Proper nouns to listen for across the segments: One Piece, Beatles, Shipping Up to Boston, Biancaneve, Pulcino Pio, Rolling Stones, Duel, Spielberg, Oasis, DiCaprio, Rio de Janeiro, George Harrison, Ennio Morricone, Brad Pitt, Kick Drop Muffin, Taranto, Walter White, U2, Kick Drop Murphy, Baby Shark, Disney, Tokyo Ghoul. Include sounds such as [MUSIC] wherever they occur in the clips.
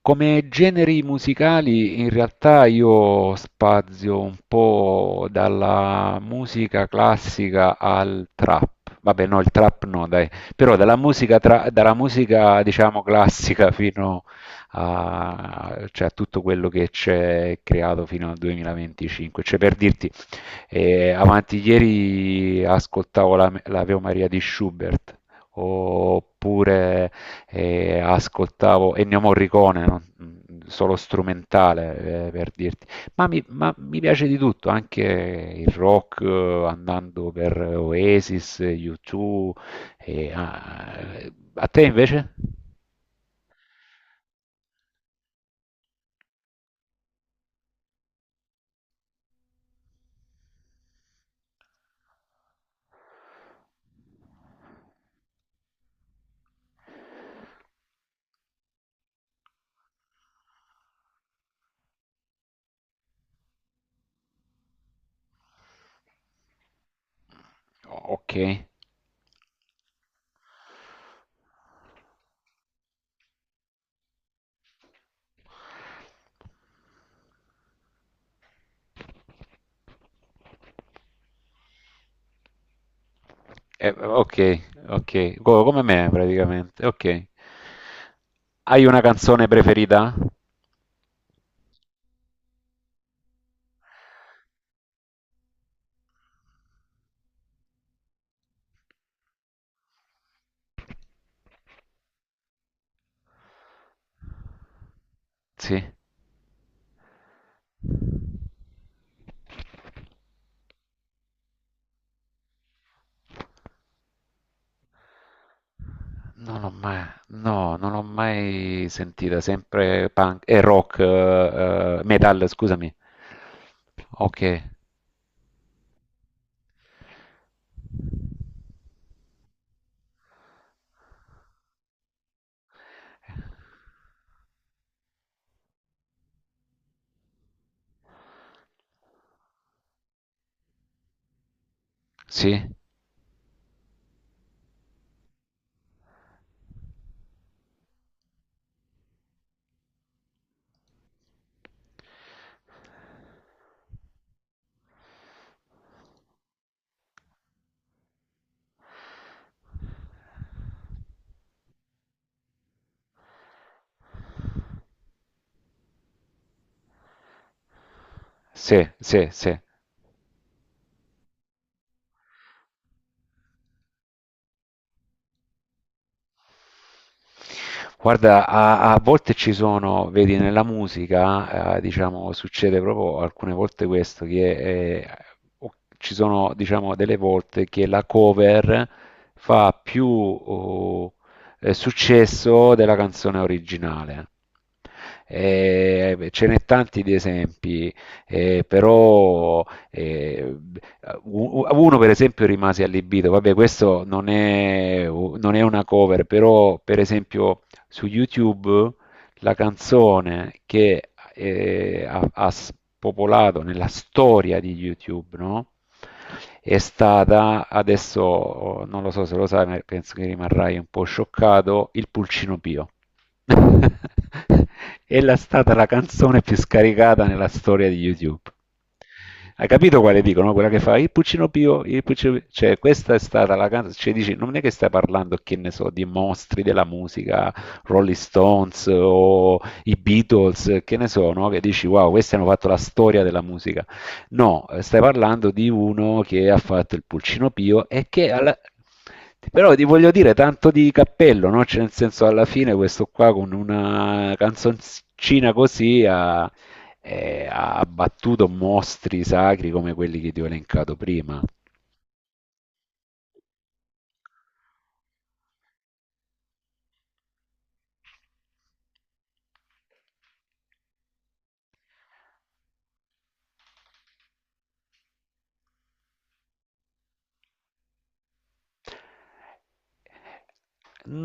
Come generi musicali in realtà io spazio un po' dalla musica classica al trap. Vabbè, no, il trap no, dai. Però dalla musica, dalla musica diciamo classica [LAUGHS] fino a, cioè, a tutto quello che c'è creato fino al 2025. Cioè, per dirti, e avanti ieri ascoltavo l'Ave Maria di Schubert, oppure ascoltavo Ennio Morricone, solo strumentale per dirti, ma mi piace di tutto, anche il rock, andando per Oasis, U2. eh, ah, A te invece? Ok. Ok, ok, come me praticamente, ok. Hai una canzone preferita? Sì. Non l'ho mai, no, non l'ho mai sentita, sempre punk e rock, metal, scusami. Ok, sì, sì, sì, sì. Guarda, a volte ci sono, vedi, nella musica, diciamo, succede proprio alcune volte questo, che eh, ci sono, diciamo, delle volte che la cover fa più successo della canzone originale. Beh, ce n'è tanti di esempi, però eh, uno per esempio rimase allibito, vabbè questo non è una cover, però per esempio su YouTube la canzone che ha spopolato nella storia di YouTube, no? È stata, adesso non lo so se lo sai, ma penso che rimarrai un po' scioccato, il Pulcino Pio. [LAUGHS] Ella è stata la canzone più scaricata nella storia di YouTube. Hai capito quale dico, no? Quella che fa il Puccino Pio, il Puccino Pio. Cioè, questa è stata la canzone. Cioè, dici, non è che stai parlando, che ne so, di mostri della musica, Rolling Stones o i Beatles, che ne so, no? Che dici, wow, questi hanno fatto la storia della musica. No, stai parlando di uno che ha fatto il Pulcino Pio. Però ti voglio dire tanto di cappello, no? Cioè, nel senso alla fine questo qua con una canzoncina così ha battuto mostri sacri come quelli che ti ho elencato prima.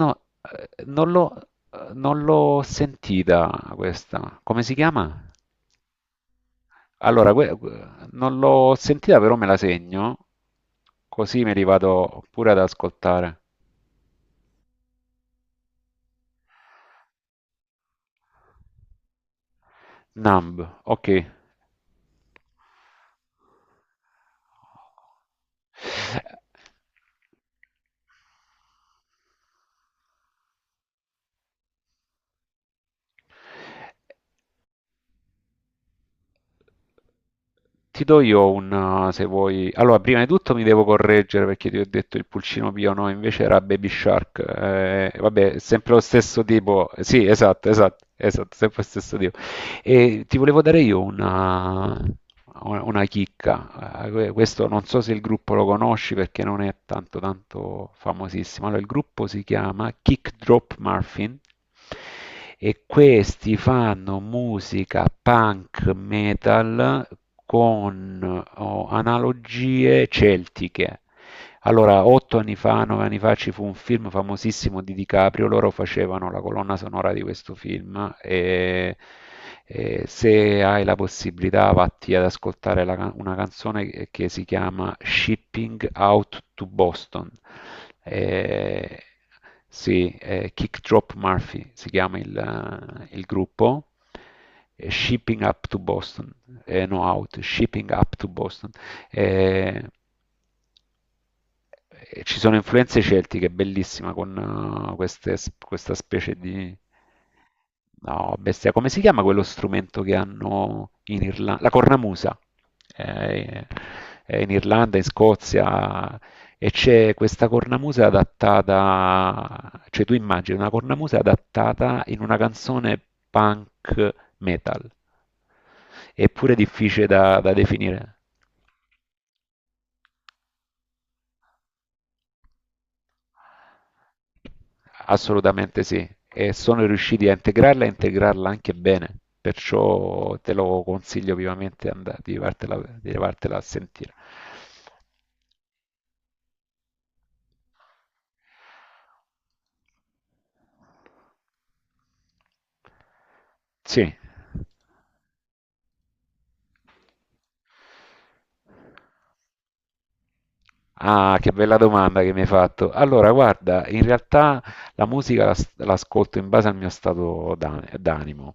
No, eh, non l'ho non l'ho sentita questa. Come si chiama? Allora, non l'ho sentita, però me la segno, così me li vado pure ad ascoltare. Numb, ok. Ti do io se vuoi. Allora, prima di tutto mi devo correggere perché ti ho detto il pulcino pio, no, invece era Baby Shark. Vabbè, è sempre lo stesso tipo. Sì, esatto, esatto, esatto, sempre lo stesso tipo. E ti volevo dare io una chicca. Questo non so se il gruppo lo conosci perché non è tanto tanto famosissimo. Allora, il gruppo si chiama Kick Drop Muffin e questi fanno musica punk metal con analogie celtiche. Allora, 8 anni fa, 9 anni fa, ci fu un film famosissimo di DiCaprio, loro facevano la colonna sonora di questo film e se hai la possibilità vatti ad ascoltare una canzone che si chiama Shipping Out to Boston. Eh, sì, Kick Drop Murphy si chiama il gruppo. Shipping Up to Boston, no out, Shipping Up to Boston. Eh, e ci sono influenze celtiche, bellissima con queste questa specie di. No, bestia, come si chiama quello strumento che hanno in Irlanda? La cornamusa. Eh, è in Irlanda, in Scozia, e c'è questa cornamusa adattata, cioè tu immagini una cornamusa adattata in una canzone punk metal. Eppure è difficile da definire. Assolutamente sì, e sono riusciti a integrarla e integrarla anche bene, perciò te lo consiglio vivamente di vartela a sentire. Sì. Ah, che bella domanda che mi hai fatto. Allora, guarda, in realtà la musica l'ascolto in base al mio stato d'animo.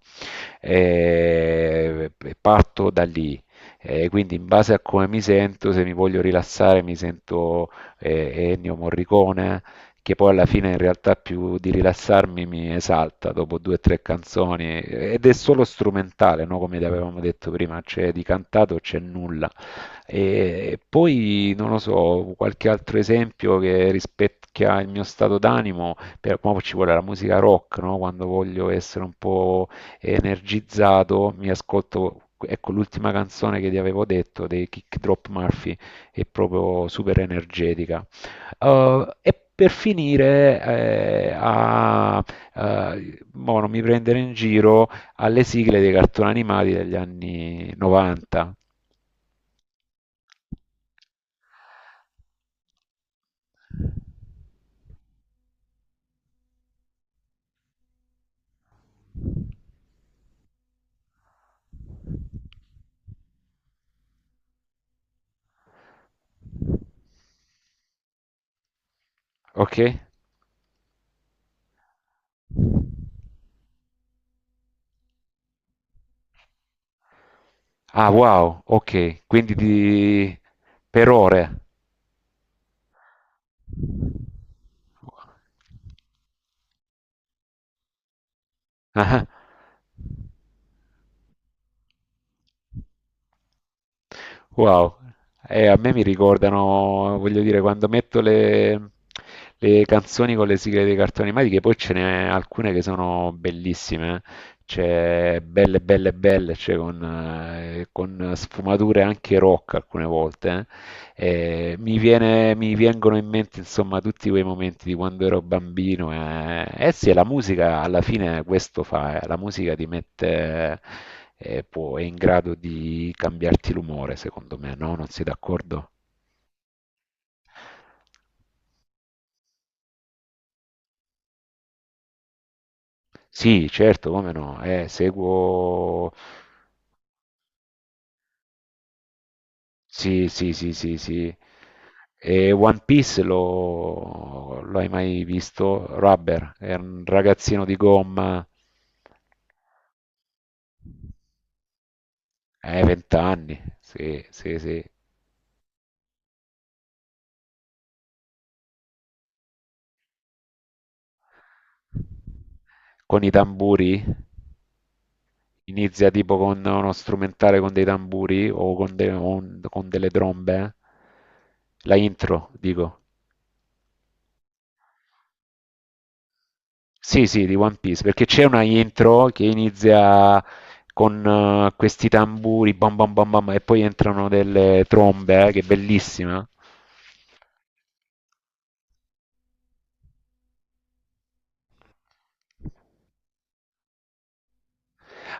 E parto da lì. E quindi in base a come mi sento, se mi voglio rilassare, mi sento Ennio Morricone, che poi alla fine in realtà più di rilassarmi mi esalta dopo due o tre canzoni ed è solo strumentale, no? Come avevamo detto prima, c'è di cantato c'è nulla. E poi non lo so, qualche altro esempio che rispecchia il mio stato d'animo, mo ci vuole la musica rock, no? Quando voglio essere un po' energizzato, mi ascolto, ecco l'ultima canzone che ti avevo detto dei Kick Drop Murphy, è proprio super energetica. E per finire, mo non mi prendere in giro, alle sigle dei cartoni animati degli anni 90. Ok? Ah, wow, ok, Per ore. Wow, a me mi ricordano, voglio dire, quando metto le canzoni con le sigle dei cartoni animati, che poi ce n'è alcune che sono bellissime. C'è belle, belle, belle, cioè con sfumature anche rock alcune volte. Mi vengono in mente insomma tutti quei momenti di quando ero bambino. Eh sì, la musica alla fine questo fa. La musica è in grado di cambiarti l'umore, secondo me, no? Non sei d'accordo? Sì, certo, come no? Seguo. Sì, sì, sì, sì, sì. E One Piece lo hai mai visto? Rubber, è un ragazzino di gomma. 20 anni, sì, sì, sì. Con i tamburi? Inizia tipo con uno strumentale con dei tamburi o con, de- o un- con delle trombe? La intro, dico. Sì, sì, di One Piece, perché c'è una intro che inizia con questi tamburi, bam bam bam bam, e poi entrano delle trombe, che è bellissima.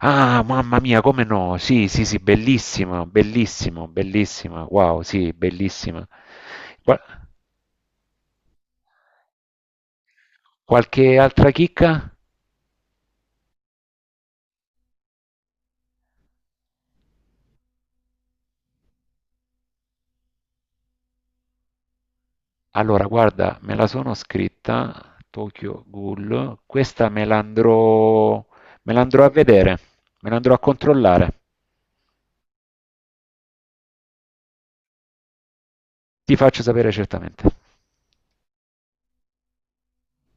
Ah, mamma mia, come no? Sì, sì, sì, bellissima, bellissima, bellissima. Wow, sì, bellissima. Qua- Qualche altra chicca? Allora, guarda, me la sono scritta, Tokyo Ghoul. Questa me la andrò a vedere, me la andrò a controllare. Ti faccio sapere certamente.